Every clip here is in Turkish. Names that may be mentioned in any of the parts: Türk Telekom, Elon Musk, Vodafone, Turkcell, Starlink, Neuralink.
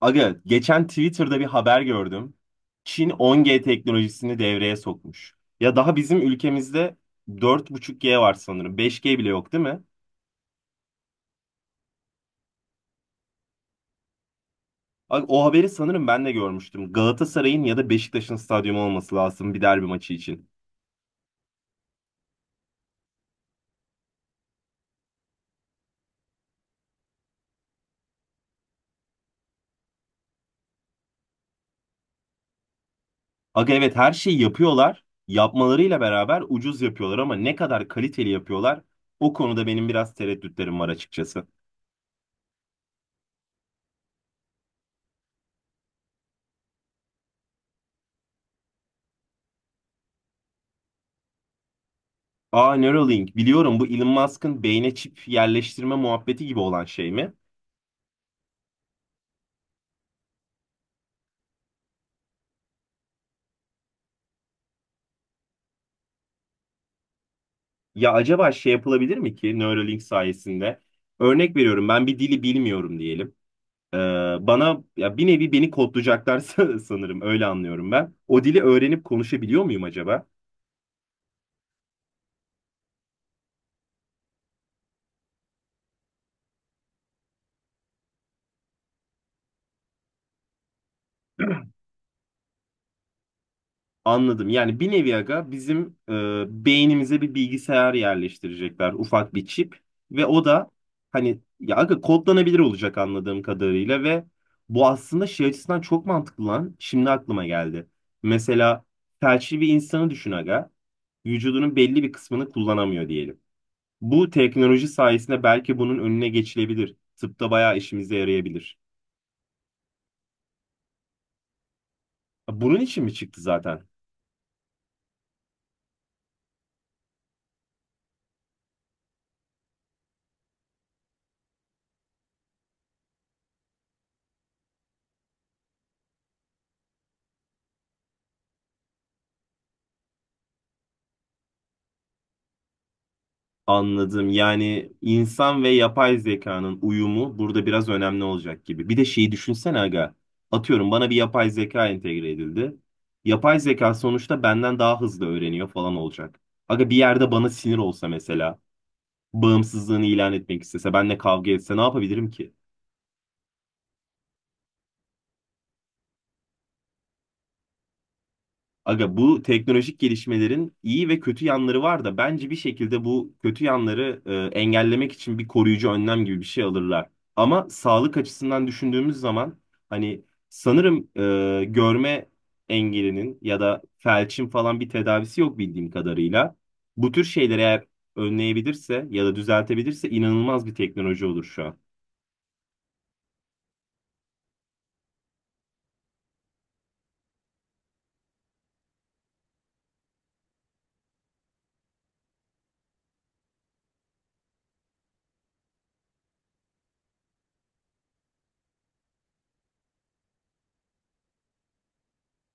Aga, geçen Twitter'da bir haber gördüm. Çin 10G teknolojisini devreye sokmuş. Ya daha bizim ülkemizde 4.5G var sanırım. 5G bile yok değil mi? Aga, o haberi sanırım ben de görmüştüm. Galatasaray'ın ya da Beşiktaş'ın stadyumu olması lazım bir derbi maçı için. Aga evet her şeyi yapıyorlar. Yapmalarıyla beraber ucuz yapıyorlar ama ne kadar kaliteli yapıyorlar o konuda benim biraz tereddütlerim var açıkçası. Aa Neuralink biliyorum, bu Elon Musk'ın beyne çip yerleştirme muhabbeti gibi olan şey mi? Ya acaba şey yapılabilir mi ki Neuralink sayesinde? Örnek veriyorum, ben bir dili bilmiyorum diyelim. Ee, bana ya bir nevi beni kodlayacaklar sanırım öyle anlıyorum ben. O dili öğrenip konuşabiliyor muyum acaba? Anladım. Yani bir nevi aga bizim beynimize bir bilgisayar yerleştirecekler. Ufak bir çip. Ve o da hani ya aga kodlanabilir olacak anladığım kadarıyla ve bu aslında şey açısından çok mantıklı lan. Şimdi aklıma geldi. Mesela felçli bir insanı düşün aga. Vücudunun belli bir kısmını kullanamıyor diyelim. Bu teknoloji sayesinde belki bunun önüne geçilebilir. Tıpta bayağı işimize yarayabilir. Bunun için mi çıktı zaten? Anladım. Yani insan ve yapay zekanın uyumu burada biraz önemli olacak gibi. Bir de şeyi düşünsene aga. Atıyorum, bana bir yapay zeka entegre edildi. Yapay zeka sonuçta benden daha hızlı öğreniyor falan olacak. Aga bir yerde bana sinir olsa mesela, bağımsızlığını ilan etmek istese, benimle kavga etse ne yapabilirim ki? Aga bu teknolojik gelişmelerin iyi ve kötü yanları var da bence bir şekilde bu kötü yanları engellemek için bir koruyucu önlem gibi bir şey alırlar. Ama sağlık açısından düşündüğümüz zaman hani sanırım görme engelinin ya da felçin falan bir tedavisi yok bildiğim kadarıyla. Bu tür şeyleri eğer önleyebilirse ya da düzeltebilirse inanılmaz bir teknoloji olur şu an.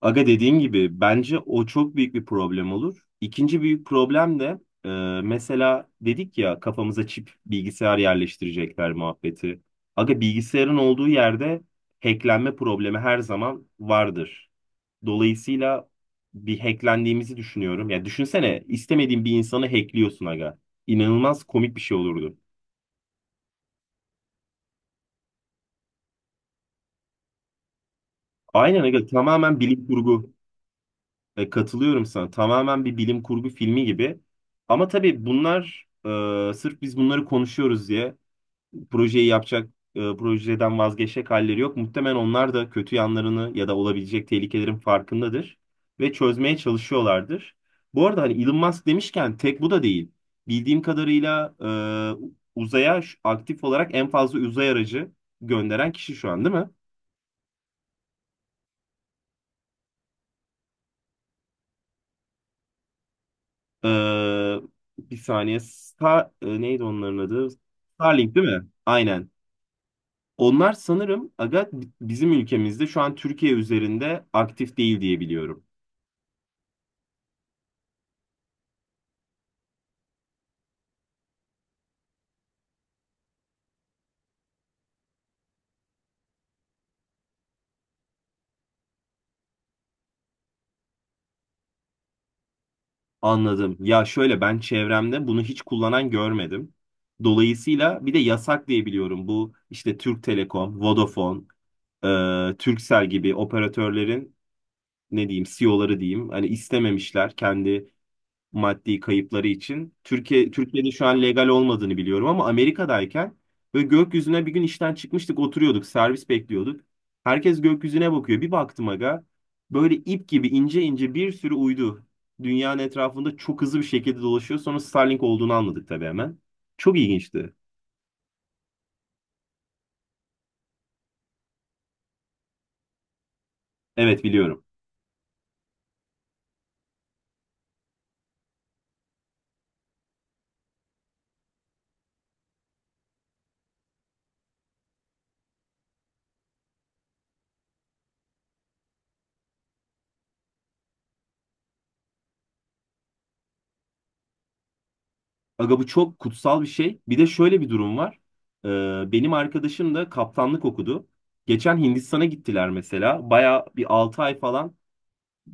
Aga dediğin gibi bence o çok büyük bir problem olur. İkinci büyük problem de e, mesela dedik ya kafamıza çip bilgisayar yerleştirecekler muhabbeti. Aga bilgisayarın olduğu yerde hacklenme problemi her zaman vardır. Dolayısıyla bir hacklendiğimizi düşünüyorum. Ya düşünsene, istemediğin bir insanı hackliyorsun aga. İnanılmaz komik bir şey olurdu. Aynen aga, tamamen bilim kurgu. Katılıyorum sana. Tamamen bir bilim kurgu filmi gibi. Ama tabii bunlar sırf biz bunları konuşuyoruz diye projeyi yapacak, projeden vazgeçecek halleri yok. Muhtemelen onlar da kötü yanlarını ya da olabilecek tehlikelerin farkındadır ve çözmeye çalışıyorlardır. Bu arada hani Elon Musk demişken tek bu da değil. Bildiğim kadarıyla uzaya aktif olarak en fazla uzay aracı gönderen kişi şu an, değil mi? Ee, bir saniye. Neydi onların adı? Starlink değil mi? Aynen. Onlar sanırım aga bizim ülkemizde şu an Türkiye üzerinde aktif değil diye biliyorum. Anladım. Ya şöyle, ben çevremde bunu hiç kullanan görmedim. Dolayısıyla bir de yasak diye biliyorum. Bu işte Türk Telekom, Vodafone, Turkcell gibi operatörlerin ne diyeyim CEO'ları diyeyim. Hani istememişler kendi maddi kayıpları için. Türkiye'de şu an legal olmadığını biliyorum ama Amerika'dayken böyle gökyüzüne bir gün işten çıkmıştık, oturuyorduk, servis bekliyorduk. Herkes gökyüzüne bakıyor. Bir baktım aga, böyle ip gibi ince ince bir sürü uydu dünyanın etrafında çok hızlı bir şekilde dolaşıyor. Sonra Starlink olduğunu anladık tabii hemen. Çok ilginçti. Evet, biliyorum. Aga bu çok kutsal bir şey. Bir de şöyle bir durum var. Benim arkadaşım da kaptanlık okudu. Geçen Hindistan'a gittiler mesela. Baya bir 6 ay falan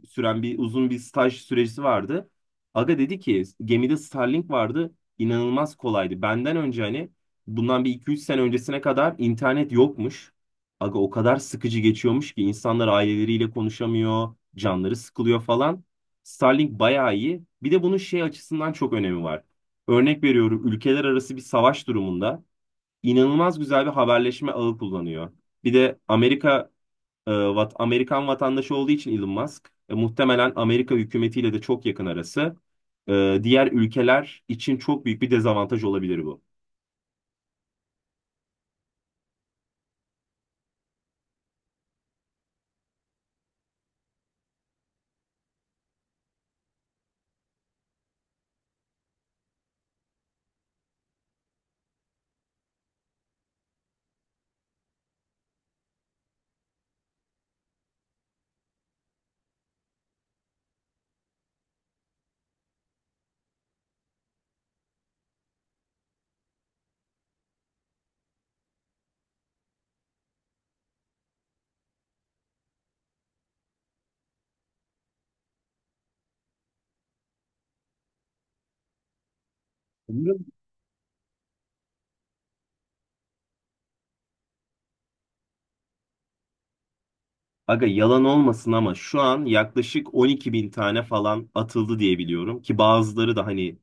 süren bir uzun bir staj süresi vardı. Aga dedi ki gemide Starlink vardı. İnanılmaz kolaydı. Benden önce hani bundan bir iki üç sene öncesine kadar internet yokmuş. Aga o kadar sıkıcı geçiyormuş ki insanlar aileleriyle konuşamıyor, canları sıkılıyor falan. Starlink bayağı iyi. Bir de bunun şey açısından çok önemi var. Örnek veriyorum, ülkeler arası bir savaş durumunda inanılmaz güzel bir haberleşme ağı kullanıyor. Bir de Amerika Amerikan vatandaşı olduğu için Elon Musk muhtemelen Amerika hükümetiyle de çok yakın arası. Diğer ülkeler için çok büyük bir dezavantaj olabilir bu. Umarım. Aga yalan olmasın ama şu an yaklaşık 12 bin tane falan atıldı diye biliyorum ki bazıları da hani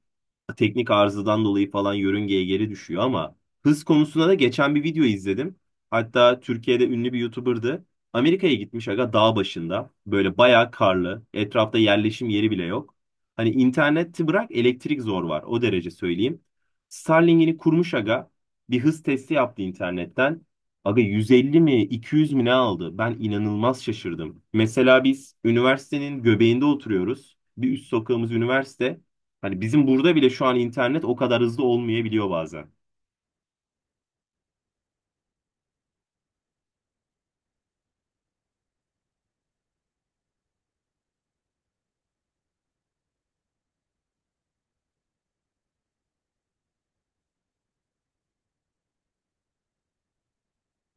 teknik arızadan dolayı falan yörüngeye geri düşüyor ama hız konusunda da geçen bir video izledim. Hatta Türkiye'de ünlü bir YouTuber'dı. Amerika'ya gitmiş aga, dağ başında. Böyle bayağı karlı. Etrafta yerleşim yeri bile yok. Hani interneti bırak, elektrik zor var. O derece söyleyeyim. Starlink'ini kurmuş aga. Bir hız testi yaptı internetten. Aga 150 mi 200 mi ne aldı? Ben inanılmaz şaşırdım. Mesela biz üniversitenin göbeğinde oturuyoruz. Bir üst sokağımız üniversite. Hani bizim burada bile şu an internet o kadar hızlı olmayabiliyor bazen.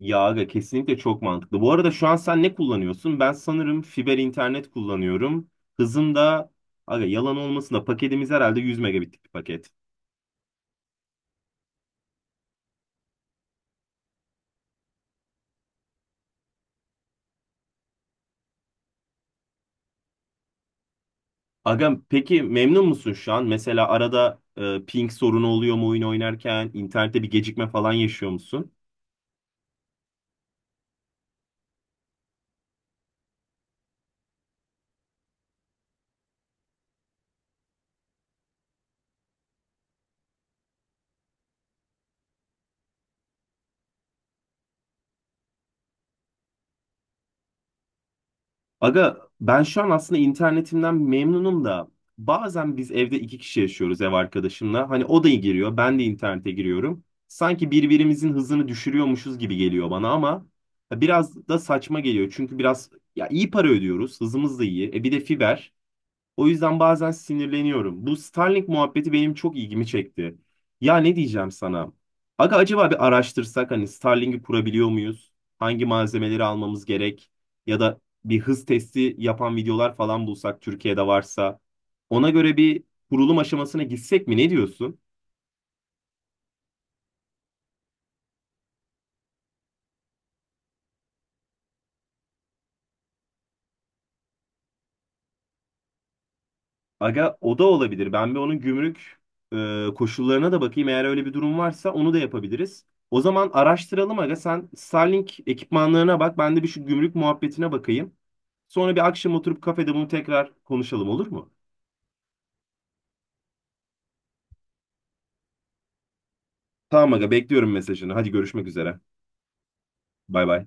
Ya aga kesinlikle çok mantıklı. Bu arada şu an sen ne kullanıyorsun? Ben sanırım fiber internet kullanıyorum. Hızım da aga yalan olmasın da paketimiz herhalde 100 megabitlik bir paket. Aga peki memnun musun şu an? Mesela arada ping sorunu oluyor mu oyun oynarken? İnternette bir gecikme falan yaşıyor musun? Aga ben şu an aslında internetimden memnunum da bazen biz evde iki kişi yaşıyoruz ev arkadaşımla. Hani o da giriyor, ben de internete giriyorum. Sanki birbirimizin hızını düşürüyormuşuz gibi geliyor bana ama biraz da saçma geliyor. Çünkü biraz ya, iyi para ödüyoruz, hızımız da iyi. E bir de fiber. O yüzden bazen sinirleniyorum. Bu Starlink muhabbeti benim çok ilgimi çekti. Ya ne diyeceğim sana? Aga acaba bir araştırsak hani Starlink'i kurabiliyor muyuz? Hangi malzemeleri almamız gerek? Ya da bir hız testi yapan videolar falan bulsak Türkiye'de varsa. Ona göre bir kurulum aşamasına gitsek mi? Ne diyorsun? Aga o da olabilir. Ben bir onun gümrük koşullarına da bakayım. Eğer öyle bir durum varsa onu da yapabiliriz. O zaman araştıralım aga. Sen Starlink ekipmanlarına bak. Ben de bir şu gümrük muhabbetine bakayım. Sonra bir akşam oturup kafede bunu tekrar konuşalım, olur mu? Tamam aga, bekliyorum mesajını. Hadi görüşmek üzere. Bay bay.